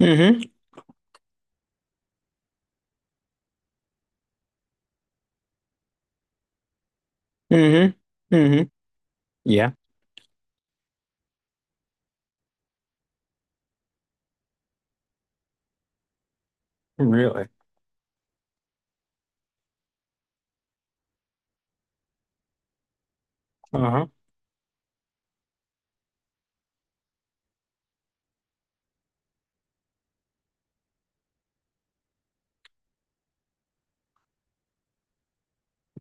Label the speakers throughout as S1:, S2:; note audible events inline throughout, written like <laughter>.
S1: Mm-hmm. Mm-hmm. Mm-hmm. Yeah, really. Uh-huh.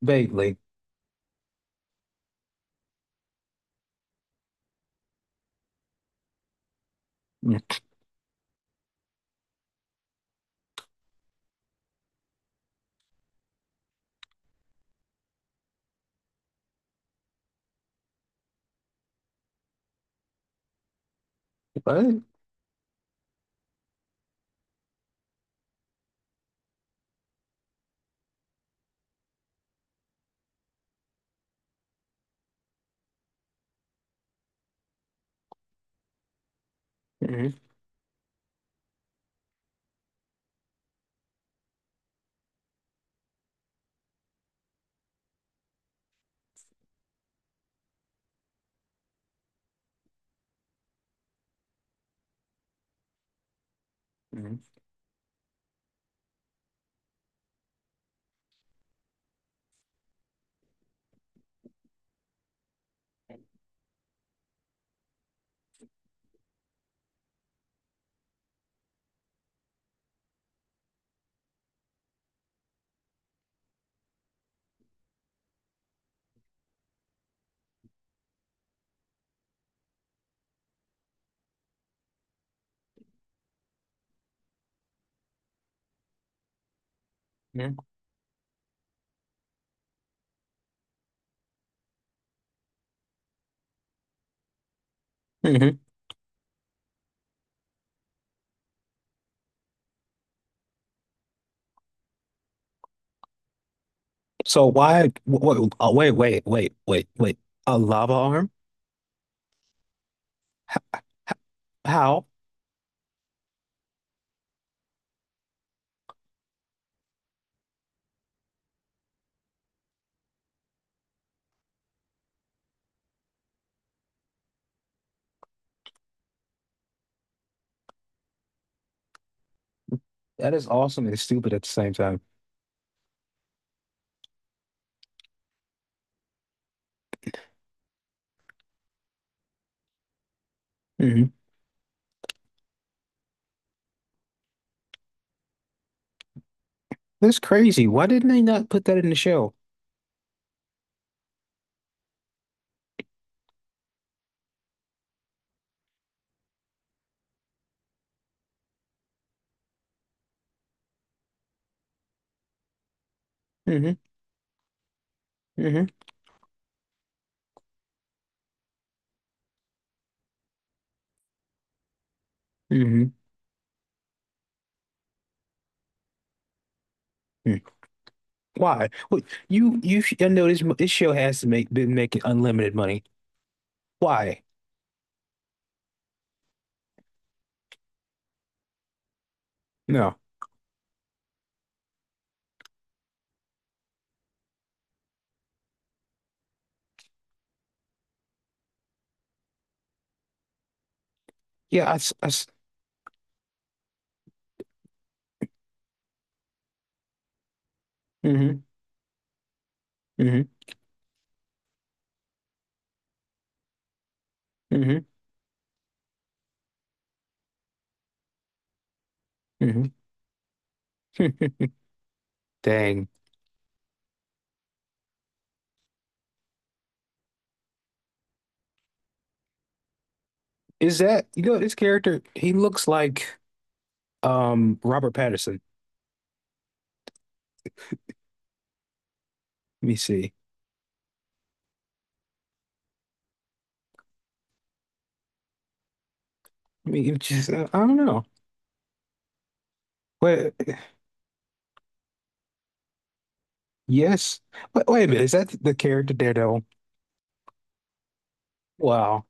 S1: Vaguely. Mm. But mm-hmm. Mm-hmm. Yeah. Mm-hmm. So why wait, oh, wait. A lava arm? How? That is awesome and stupid at the same time. Mm-hmm. That's crazy. Why didn't they not put that in the show? Mm-hmm. Mm-hmm. Mm-hmm. mm Why? Wait, I know this show has to make been making unlimited money. Why? No. Yeah, I, s- I, mm-hmm. Mm-hmm. Mm-hmm. <laughs> Dang. Is that you know this character? He looks like Robert Pattinson. Let me see. I mean, it just I don't know. Wait, yes. Wait, wait a minute. Is that the character Daredevil? Wow,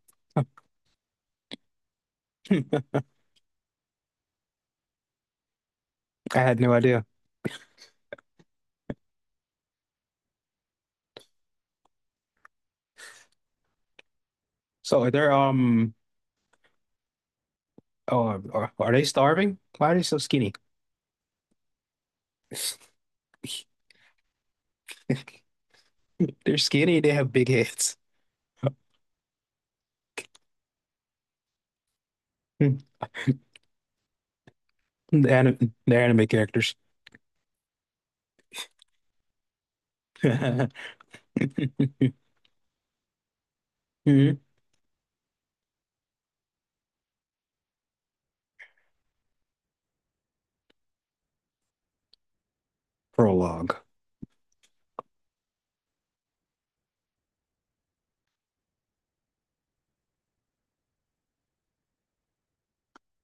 S1: <laughs> hmm. I had no idea. So they're oh, are they starving? Why are they so skinny? <laughs> They're skinny. They have big heads. <laughs> Hmm. The anime, they're anime characters. <laughs> Mhm. Prolog.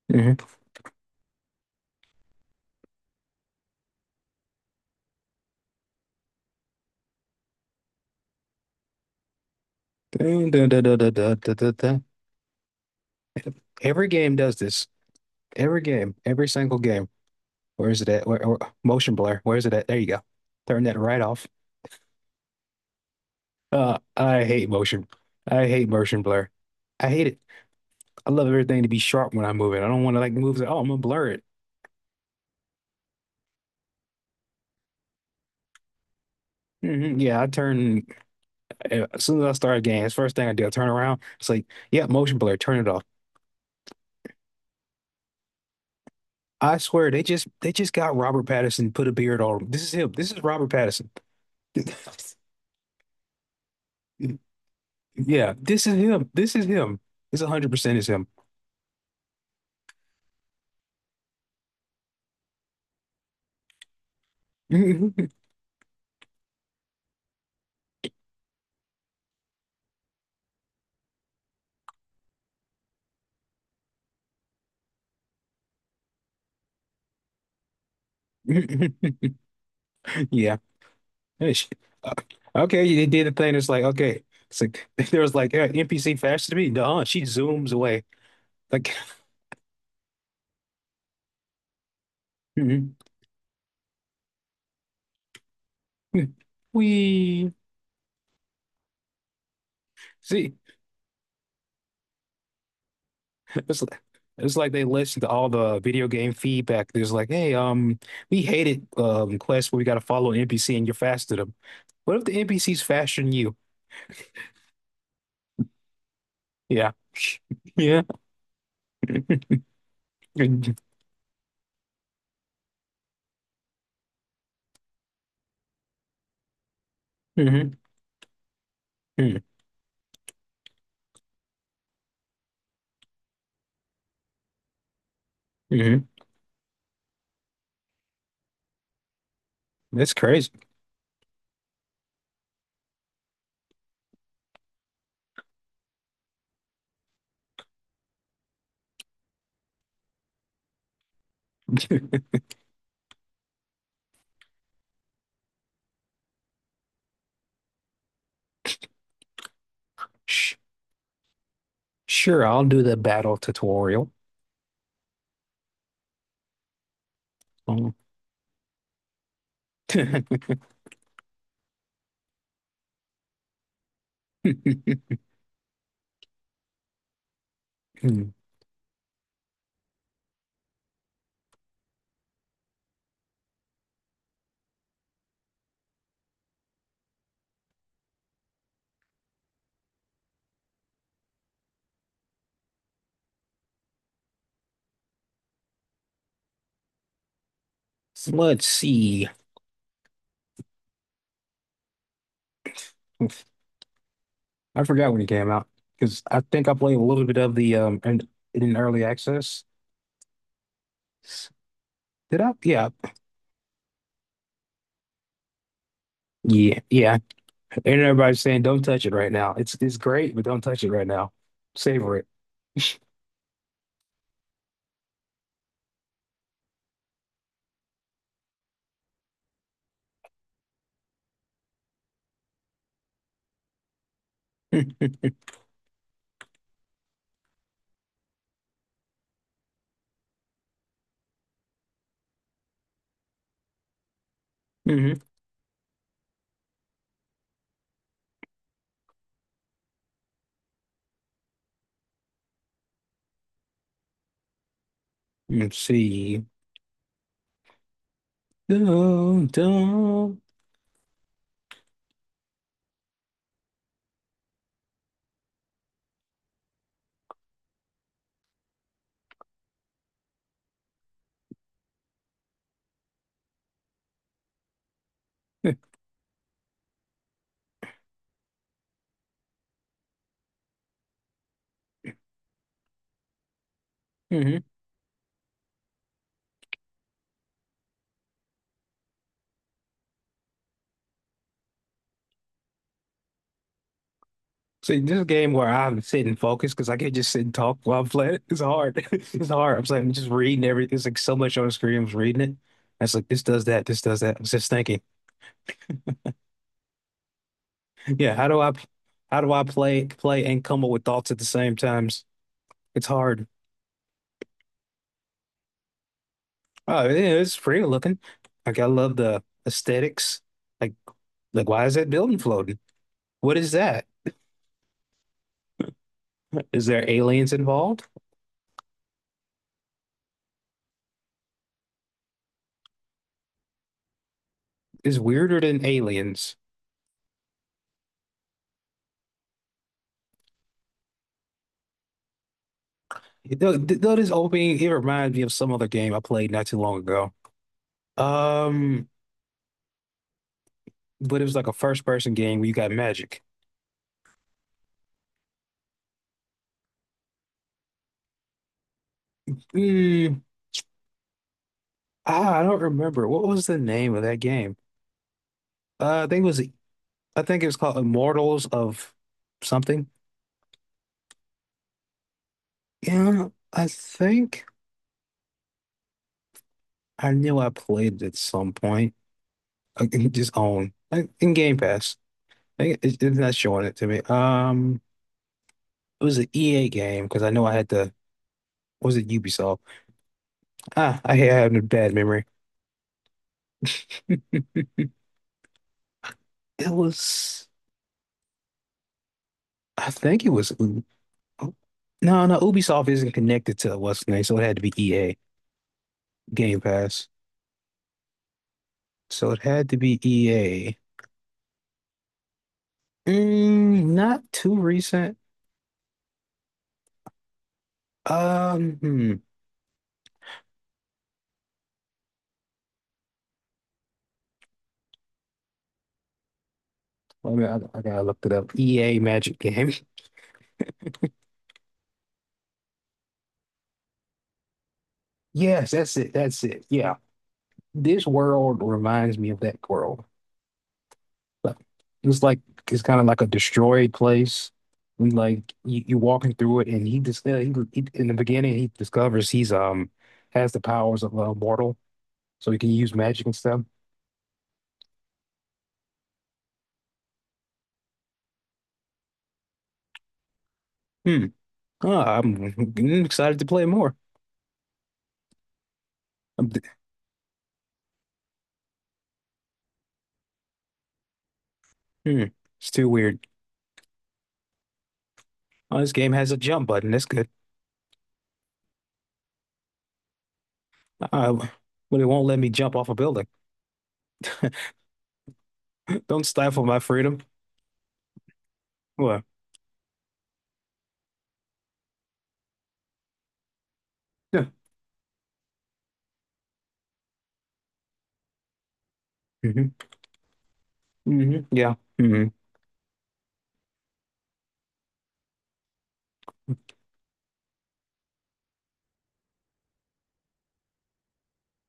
S1: Mhm. Dun, dun, dun, dun, dun, dun, dun, dun, dun. Every game does this. Every game, every single game. Where is it at? Where, or motion blur. Where is it at? There you go. Turn that right off. I hate motion. I hate motion blur. I hate it. I love everything to be sharp when I move it. I don't want to like move it. Oh, I'm gonna blur it. Hmm Yeah, I turn as soon as I start a game. It's first thing I do. I turn around. It's like, yeah, motion blur. Turn it off. I swear they just got Robert Pattinson, put a beard on him. This is him. This is Robert Pattinson. <laughs> Yeah, this is him. This is him. This 100% is him. <laughs> Yeah. Hey, shit. Okay, they did the thing. It's like, okay. It's like, <laughs> there was like, "Yeah, NPC faster than me." No, she zooms away. Like, <laughs> we see. It's like, it's like they listened to all the video game feedback. There's like, hey, we hated quests where we got to follow an NPC and you're faster than them. What if the NPC's faster than you? Yeah. Yeah. <laughs> Hmm. Hmm. That's crazy. <laughs> Sh- Sure, I'll do the battle tutorial. Um, <laughs> so let's see. I forgot when it came out because I think I played a little bit of the in early access. Did I? Yeah, yeah. And everybody's saying don't touch it right now. It's great, but don't touch it right now. Savor it. <laughs> Hmm. Let's see. Dun, dun. <laughs> See, this is a game where I have to sit and focus because I can't just sit and talk while I'm playing it. It's hard. <laughs> It's hard. I'm like, I'm just reading everything. It's like so much on the screen. I'm just reading it. It's like this does that, this does that. I'm just thinking, yeah, how do I play and come up with thoughts at the same times? It's hard. Oh, yeah, it's pretty looking. Like, I love the aesthetics. Like, like why is that building floating? What is that? Is there aliens involved? It's weirder than aliens. Though this opening, it reminds me of some other game I played not too long ago. Um, but it was like a first person game where you got magic. Mm, ah, I don't remember. What was the name of that game? Uh, I think it was I think it was called Immortals of something. Yeah, I think I knew I played it at some point. I can just on like in Game Pass. I think it's not showing it to me. It was an EA game because I know I had to. Was it Ubisoft? Ah, I had a bad memory. It was. I think it was. No, no, Ubisoft isn't connected to what's the name, so it had to be EA Game Pass. So it had to be EA. Mm, not too recent. Hmm. Wait a minute, I gotta look it up. EA Magic Game. <laughs> Yes, that's it. That's it. Yeah, this world reminds me of that world. Like, it's like it's kind of like a destroyed place. And like you walking through it, and he in the beginning he discovers he's has the powers of a mortal, so you can use magic and stuff. Hmm. Oh, I'm <laughs> excited to play more. I'm, d- hmm. It's too weird. Oh, this game has a jump button. That's good. Uh, but it won't let me jump off a building. <laughs> Don't stifle my freedom. What? Yeah. Hmm. Hmm. Yeah. Hmm.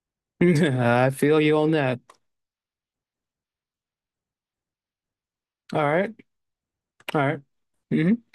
S1: <laughs> I feel you on that. All right. All right. Mhm.